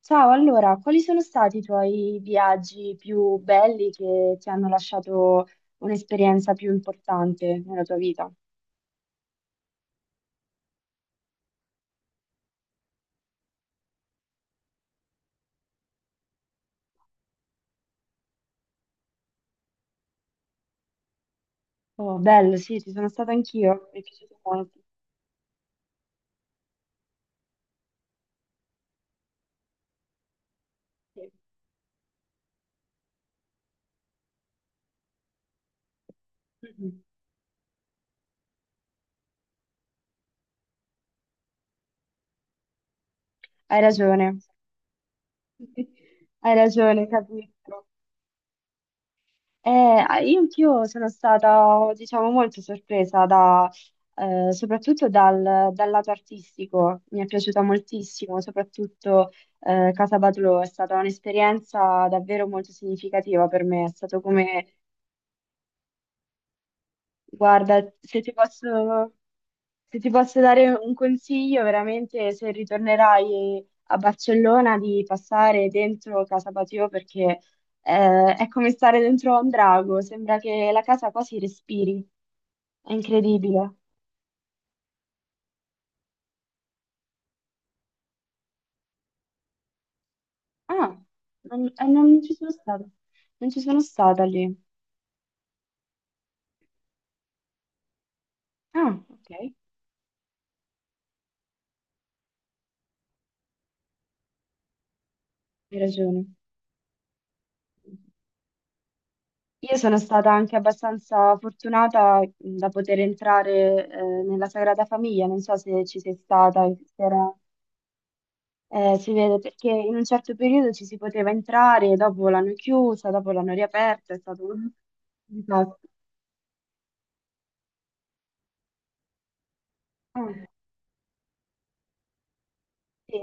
Ciao, allora, quali sono stati i tuoi viaggi più belli che ti hanno lasciato un'esperienza più importante nella tua vita? Oh, bello, sì, ci sono stata anch'io, mi è piaciuto molto. Sì. Mhm. Hai ragione, hai ragione, capisco. Ah, io anch'io sono stata, diciamo, molto sorpresa da, soprattutto dal lato artistico, mi è piaciuta moltissimo. Soprattutto Casa Batlló è stata un'esperienza davvero molto significativa per me, è stato come. Guarda, se ti posso dare un consiglio, veramente se ritornerai a Barcellona di passare dentro Casa Batlló perché è come stare dentro a un drago, sembra che la casa quasi respiri, è incredibile. Ah, non, eh, non ci sono stata, non ci sono stata lì. Ah, ok, hai ragione. Io sono stata anche abbastanza fortunata da poter entrare nella Sagrada Famiglia, non so se ci sei stata, se era- si vede perché in un certo periodo ci si poteva entrare, dopo l'hanno chiusa, dopo l'hanno riaperta, è stato un disastro. Ah, sì,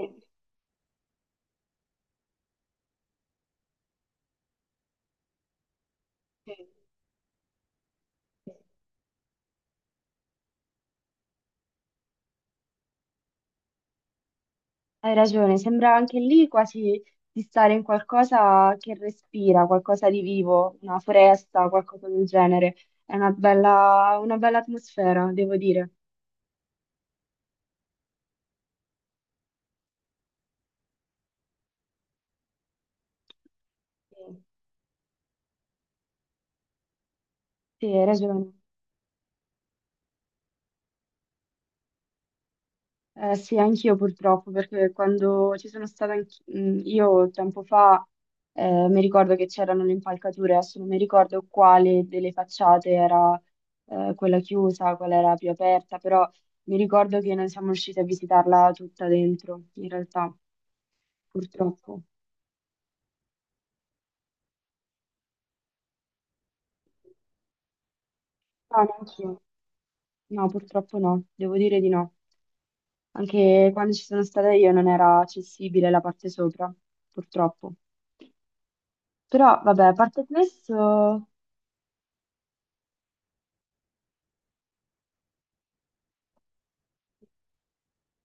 sì, sì. Hai ragione, sembra anche lì quasi di stare in qualcosa che respira, qualcosa di vivo, una foresta, qualcosa del genere. È una bella atmosfera, devo dire. Sì, sì, hai ragione. Sì, anch'io purtroppo, perché quando ci sono stata io tempo fa, mi ricordo che c'erano le impalcature, adesso non mi ricordo quale delle facciate era, quella chiusa, quella era più aperta, però mi ricordo che non siamo riusciti a visitarla tutta dentro, in realtà, purtroppo. No, neanch'io. No, purtroppo no, devo dire di no. Anche quando ci sono stata io non era accessibile la parte sopra, purtroppo. Però, vabbè, a parte questo,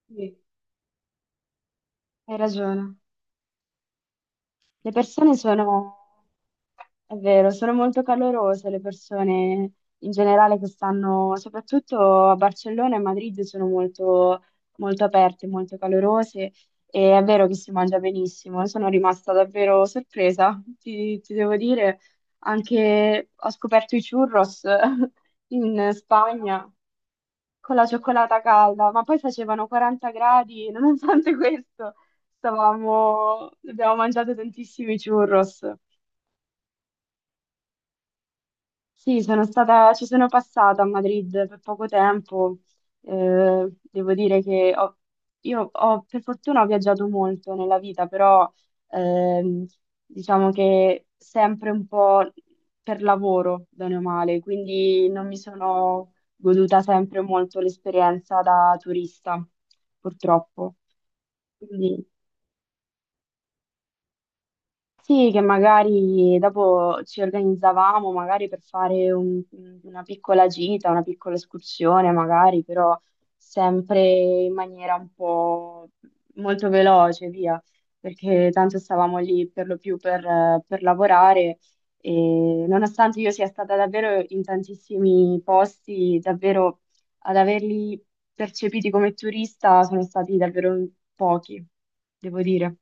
sì, hai ragione. Le persone sono, è vero, sono molto calorose le persone in generale che stanno, soprattutto a Barcellona e Madrid, sono molto, molto aperte, molto calorose e è vero che si mangia benissimo. Sono rimasta davvero sorpresa, ti devo dire. Anche ho scoperto i churros in Spagna. Con la cioccolata calda, ma poi facevano 40 gradi, e nonostante questo, abbiamo mangiato tantissimi churros. Sì, sono stata, ci sono passata a Madrid per poco tempo. Devo dire che per fortuna ho viaggiato molto nella vita, però ehm, diciamo che sempre un po' per lavoro, bene o male, quindi non mi sono goduta sempre molto l'esperienza da turista, purtroppo. Sì, che magari dopo ci organizzavamo magari per fare una piccola gita, una piccola escursione, magari, però sempre in maniera un po' molto veloce, via, perché tanto stavamo lì per lo più per lavorare e nonostante io sia stata davvero in tantissimi posti, davvero ad averli percepiti come turista sono stati davvero pochi, devo dire.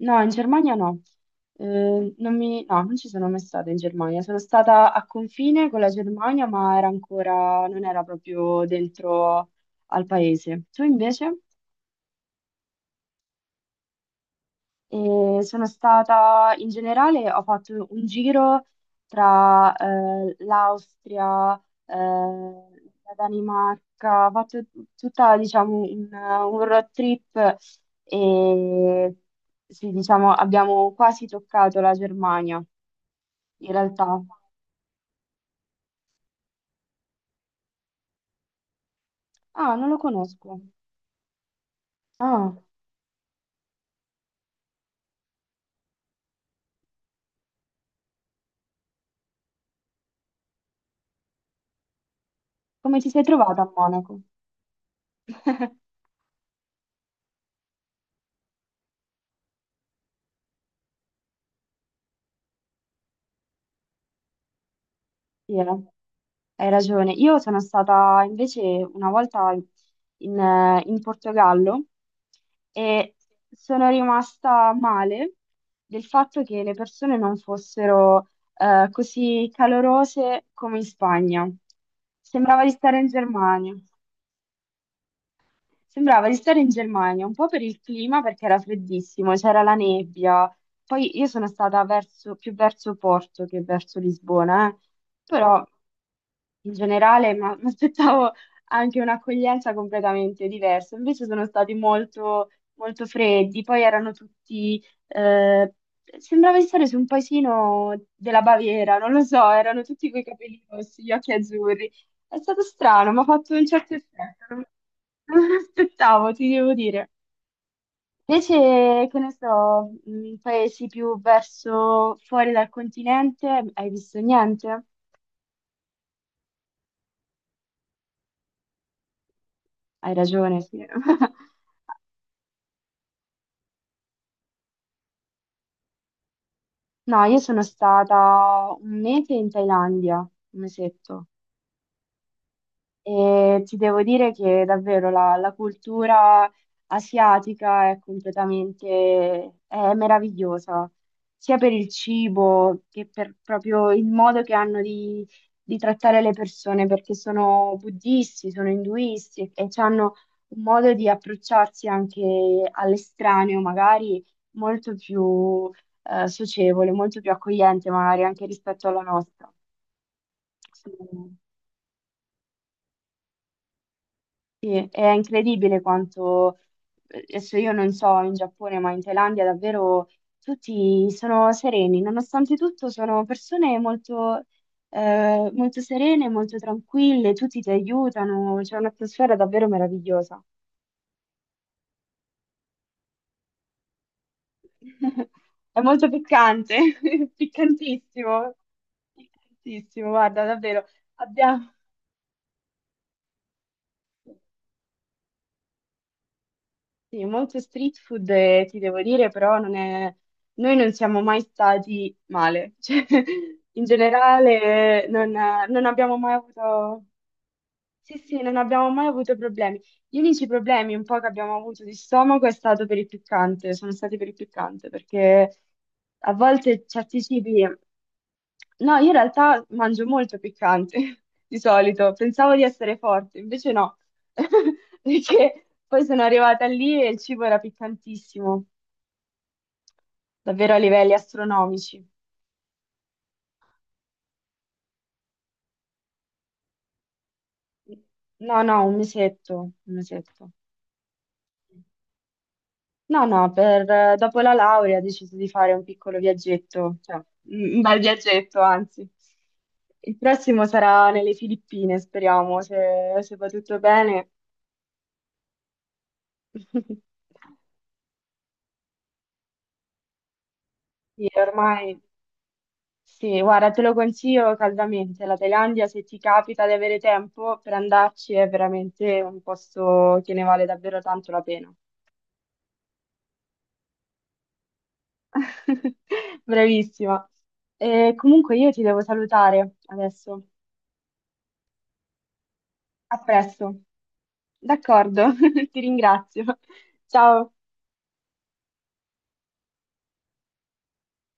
No, in Germania no. Non mi- No, non ci sono mai stata in Germania. Sono stata a confine con la Germania, ma era ancora, non era proprio dentro al paese. Tu invece? Sono stata in generale, ho fatto un giro tra l'Austria, la Danimarca, ho fatto tutta, diciamo, un road trip e sì, diciamo, abbiamo quasi toccato la Germania. In realtà. Ah, non lo conosco. Ah, come ti sei trovata a Monaco? Sì, hai ragione. Io sono stata invece una volta in Portogallo e sono rimasta male del fatto che le persone non fossero così calorose come in Spagna. Sembrava di stare in Germania. Sembrava di stare in Germania, un po' per il clima perché era freddissimo, c'era la nebbia. Poi io sono stata più verso Porto che verso Lisbona, eh. Però in generale mi aspettavo anche un'accoglienza completamente diversa. Invece sono stati molto, molto freddi, poi erano tutti... eh, Sembrava di stare su un paesino della Baviera, non lo so, erano tutti coi capelli rossi, gli occhi azzurri. È stato strano, mi ha fatto un certo effetto, non me l'aspettavo, ti devo dire. Invece, che ne so, paesi più verso fuori dal continente, hai visto niente? Hai ragione, sì. No, io sono stata un mese in Thailandia, un mesetto. E ti devo dire che davvero la cultura asiatica è completamente, è meravigliosa, sia per il cibo che per proprio il modo che hanno di trattare le persone, perché sono buddisti, sono induisti e hanno un modo di approcciarsi anche all'estraneo, magari molto più socievole, molto più accogliente, magari anche rispetto alla nostra. Sì. Sì, è incredibile quanto, adesso io non so in Giappone, ma in Thailandia davvero tutti sono sereni, nonostante tutto sono persone molto serene, molto tranquille, tutti ti aiutano, c'è un'atmosfera davvero meravigliosa. È molto piccante, piccantissimo, piccantissimo, guarda, davvero. Abbiamo Sì, molto street food, ti devo dire, però non è. Noi non siamo mai stati male. Cioè, in generale, non abbiamo mai avuto, sì, sì, non abbiamo mai avuto problemi. Gli unici problemi un po' che abbiamo avuto di stomaco è stato per il piccante, sono stati per il piccante, perché a volte certi cibi. No, io in realtà mangio molto piccante, di solito, pensavo di essere forte, invece no, perché poi sono arrivata lì e il cibo era piccantissimo, davvero a livelli astronomici. No, no, un mesetto, un mesetto. No, no, dopo la laurea ho deciso di fare un piccolo viaggetto, cioè un bel viaggetto, anzi. Il prossimo sarà nelle Filippine, speriamo, se va tutto bene. Sì, ormai, sì, guarda, te lo consiglio caldamente. La Thailandia, se ti capita di avere tempo per andarci, è veramente un posto che ne vale davvero tanto la pena. Bravissima. E comunque io ti devo salutare adesso. A presto. D'accordo, ti ringrazio. Ciao.